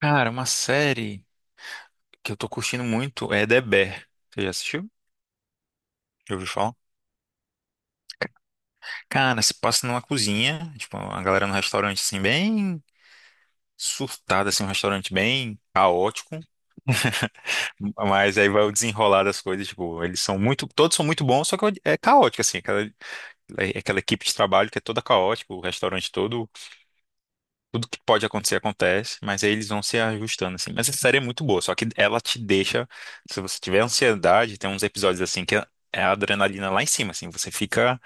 Cara, uma série que eu tô curtindo muito é The Bear. Você já assistiu? Já ouviu falar? Cara, se passa numa cozinha, tipo, a galera num restaurante assim, bem surtada, assim, um restaurante bem caótico. Mas aí vai o desenrolar das coisas, tipo, eles são muito, todos são muito bons, só que é caótico, assim, aquela, é aquela equipe de trabalho que é toda caótica, o restaurante todo. Tudo que pode acontecer acontece, mas aí eles vão se ajustando assim. Mas a série é muito boa, só que ela te deixa, se você tiver ansiedade, tem uns episódios assim que é a adrenalina lá em cima, assim, você fica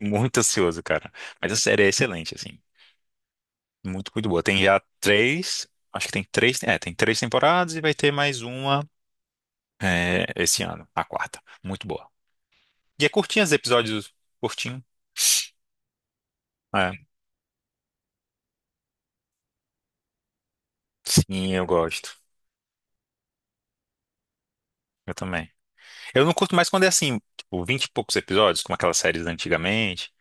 muito ansioso, cara. Mas a série é excelente, assim, muito, muito boa. Tem já três, acho que tem três, é, tem três temporadas e vai ter mais uma, é, esse ano, a quarta. Muito boa. E é curtinha, os episódios curtinho. É, sim, eu gosto. Eu também. Eu não curto mais quando é assim, tipo, 20 e poucos episódios, como aquelas séries antigamente.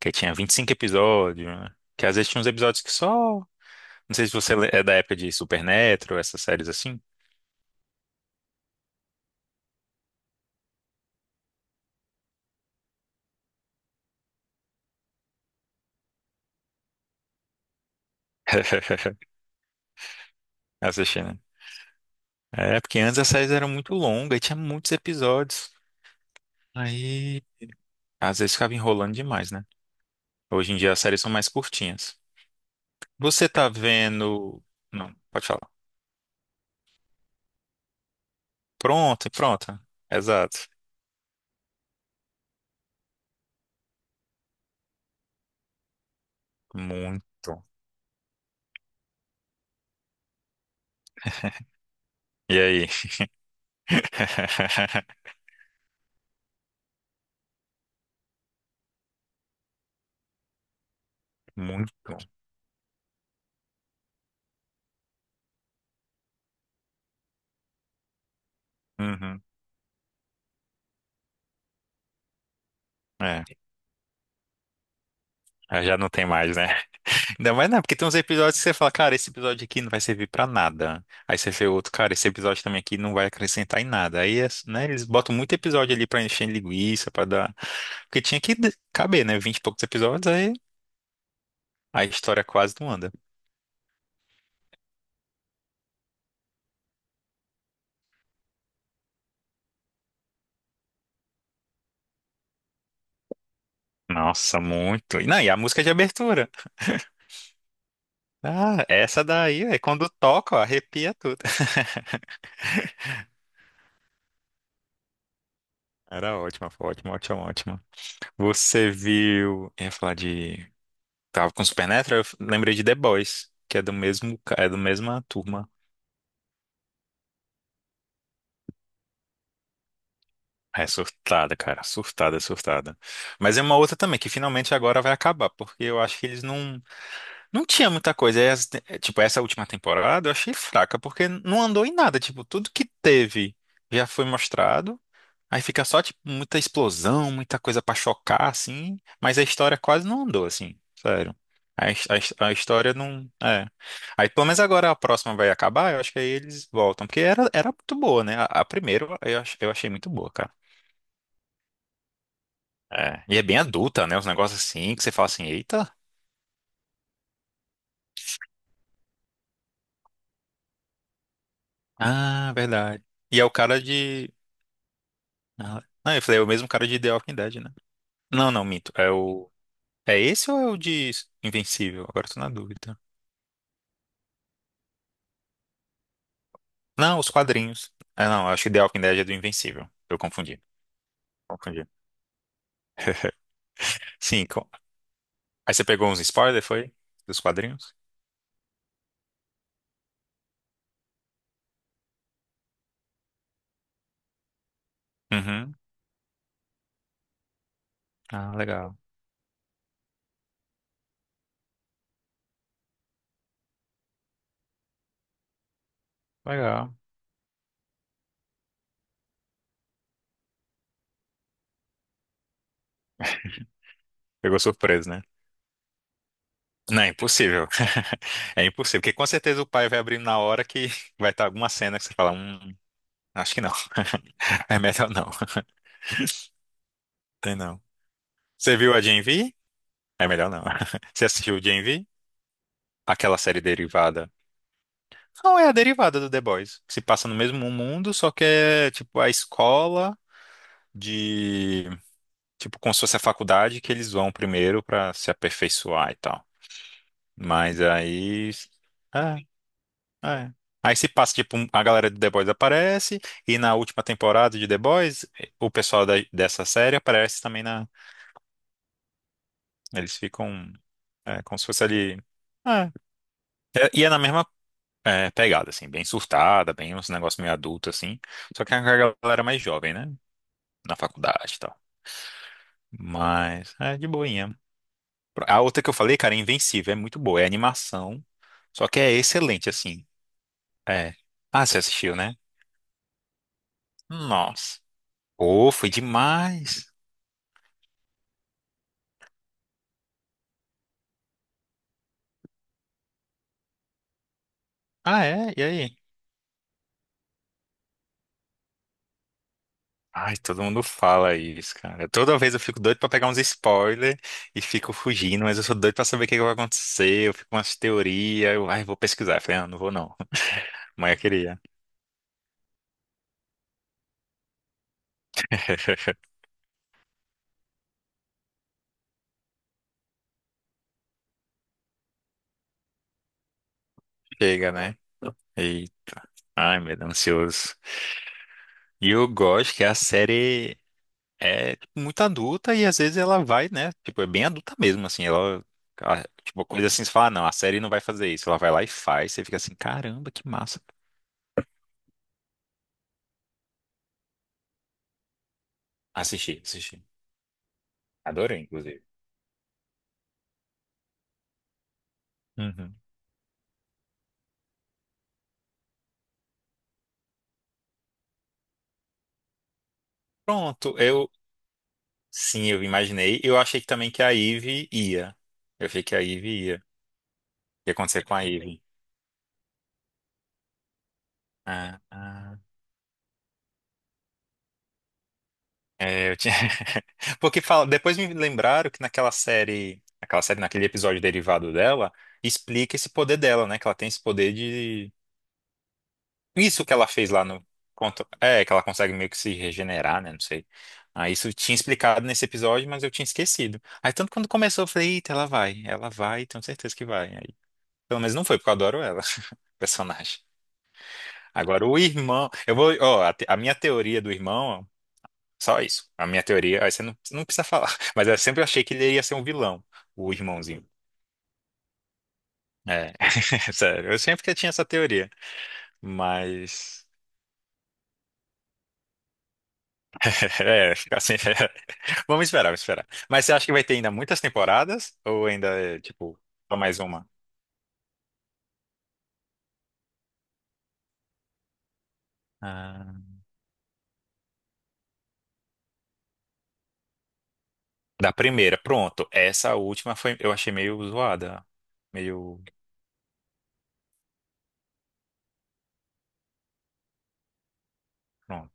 Que tinha 25 episódios, né? Que às vezes tinha uns episódios que só. Não sei se é da época de Supernatural, essas séries assim. Assistindo. É, porque antes as séries eram muito longas e tinha muitos episódios. Aí, às vezes ficava enrolando demais, né? Hoje em dia as séries são mais curtinhas. Você tá vendo. Não, pode falar. Pronto, pronto. Exato. Muito. E aí? Muito. Uhum. É. Ah, já não tem mais, né? Ainda mais não, porque tem uns episódios que você fala, cara, esse episódio aqui não vai servir pra nada. Aí você vê outro, cara, esse episódio também aqui não vai acrescentar em nada. Aí, né, eles botam muito episódio ali pra encher linguiça, pra dar. Porque tinha que caber, né? Vinte e poucos episódios, aí a história quase não anda. Nossa, muito. E não, e a música é de abertura? Ah, essa daí, é quando toca, ó, arrepia tudo. Era ótima, foi ótima, ótima, ótima. Você viu. Eu ia falar de. Tava com Supernatural, lembrei de The Boys, que é do mesmo, é do mesma turma. É surtada, cara, surtada, surtada. Mas é uma outra também que finalmente agora vai acabar, porque eu acho que eles não tinha muita coisa. É, é, tipo, essa última temporada eu achei fraca, porque não andou em nada, tipo, tudo que teve já foi mostrado. Aí fica só, tipo, muita explosão, muita coisa pra chocar, assim, mas a história quase não andou, assim, sério. A história não. É. Aí, pelo menos agora a próxima vai acabar, eu acho que aí eles voltam, porque era, era muito boa, né? A primeira eu achei muito boa, cara. É. E é bem adulta, né? Os negócios assim, que você fala assim, eita. Ah, verdade. E é o cara de. Ah, não, eu falei, é o mesmo cara de The Walking Dead, né? Não, não, mito. É o. É esse ou é o de Invencível? Agora eu tô na dúvida. Não, os quadrinhos. Ah, não, acho que The Walking Dead é do Invencível. Eu confundi. Confundi. Sim, aí você pegou uns spoilers, foi? Dos quadrinhos? Uhum. Ah, legal. Legal. Pegou surpresa, né? Não, é impossível. É impossível, porque com certeza o pai vai abrindo na hora que vai estar alguma cena que você fala, acho que não. É melhor não. Tem não. Você viu a Gen V? É melhor não. Você assistiu o Gen V? Aquela série derivada. Não, é a derivada do The Boys, que se passa no mesmo mundo, só que é tipo a escola. De, tipo, como se fosse a faculdade que eles vão primeiro pra se aperfeiçoar e tal. Mas aí é, é. Aí se passa tipo a galera de The Boys aparece e na última temporada de The Boys o pessoal dessa série aparece também na, eles ficam, é, como se fosse ali é. É, e é na mesma, é, pegada assim, bem surtada, bem uns negócios meio adulto assim, só que é a galera mais jovem, né? Na faculdade e tal. Mas é de boinha. A outra que eu falei, cara, é Invencível, é muito boa, é animação, só que é excelente, assim. É. Ah, você assistiu, né? Nossa. Pô, foi demais. Ah, é? E aí? Ai, todo mundo fala isso, cara. Toda vez eu fico doido pra pegar uns spoilers e fico fugindo, mas eu sou doido pra saber o que que vai acontecer. Eu fico com umas teorias, eu, ai, vou pesquisar. Eu falei, ah, não vou não. Mas eu queria. Chega, né? E, ai, meu Deus, ansioso. E eu gosto que é a série. É, tipo, muito adulta e às vezes ela vai, né? Tipo, é bem adulta mesmo, assim, ela, tipo, coisa assim, você fala, "Ah, não, a série não vai fazer isso." Ela vai lá e faz, você fica assim, caramba, que massa. Assisti, assisti. Adorei, inclusive. Uhum. Pronto, eu, sim, eu imaginei, eu achei que também que a Ivy ia. Eu achei que a Ivy ia. O que ia acontecer com a Ivy? Ah, ah. É, eu tinha... Porque fala, depois me lembraram que naquela série, naquele episódio derivado dela, explica esse poder dela, né? Que ela tem esse poder. Isso que ela fez lá no. É, que ela consegue meio que se regenerar, né? Não sei. Ah, isso eu tinha explicado nesse episódio, mas eu tinha esquecido. Aí tanto quando começou, eu falei, eita, ela vai, tenho certeza que vai. Aí, pelo menos não foi, porque eu adoro ela, personagem. Agora, o irmão. Eu vou. Ó, a minha teoria do irmão, só isso. A minha teoria, aí você não precisa falar. Mas eu sempre achei que ele ia ser um vilão, o irmãozinho. É. Sério, eu sempre que tinha essa teoria. Mas. É, assim, vamos esperar, vamos esperar. Mas você acha que vai ter ainda muitas temporadas? Ou ainda, é, tipo, só mais uma? Ah, da primeira, pronto. Essa última foi, eu achei meio zoada. Meio, pronto,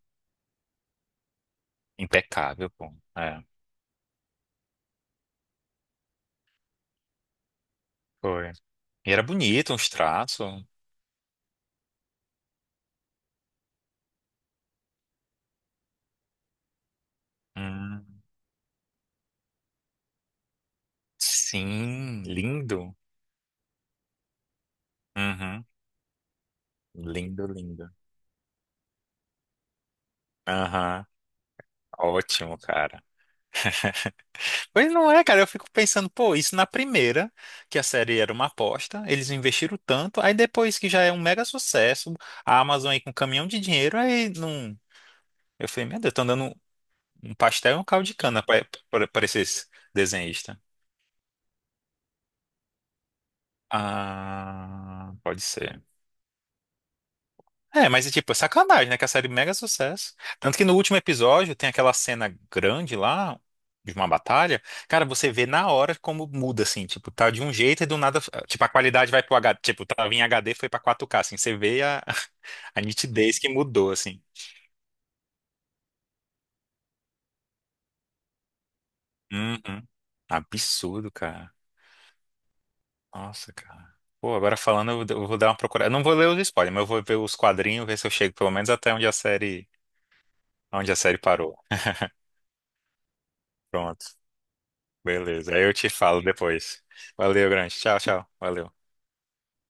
impecável, pô. É, foi. E era bonito, uns traços. Hum, sim, lindo. Uhum, lindo, lindo. Aham, ótimo, cara. Pois não é, cara. Eu fico pensando, pô, isso na primeira, que a série era uma aposta, eles investiram tanto, aí depois que já é um mega sucesso, a Amazon aí com um caminhão de dinheiro, aí não. Eu falei, meu Deus, estão dando um pastel e um caldo de cana para esses desenhista. Ah, pode ser. É, mas é tipo, é sacanagem, né? Que a série é mega sucesso. Tanto que no último episódio tem aquela cena grande lá, de uma batalha. Cara, você vê na hora como muda, assim. Tipo, tá de um jeito e do nada. Tipo, a qualidade vai pro HD. Tipo, tava em HD, foi pra 4K, assim. Você vê a, a nitidez que mudou, assim. Uhum. Absurdo, cara. Nossa, cara. Pô, agora falando, eu vou dar uma procurada. Eu não vou ler os spoilers, mas eu vou ver os quadrinhos, ver se eu chego pelo menos até onde a série parou. Pronto. Beleza, aí eu te falo depois. Valeu, grande. Tchau, tchau. Valeu.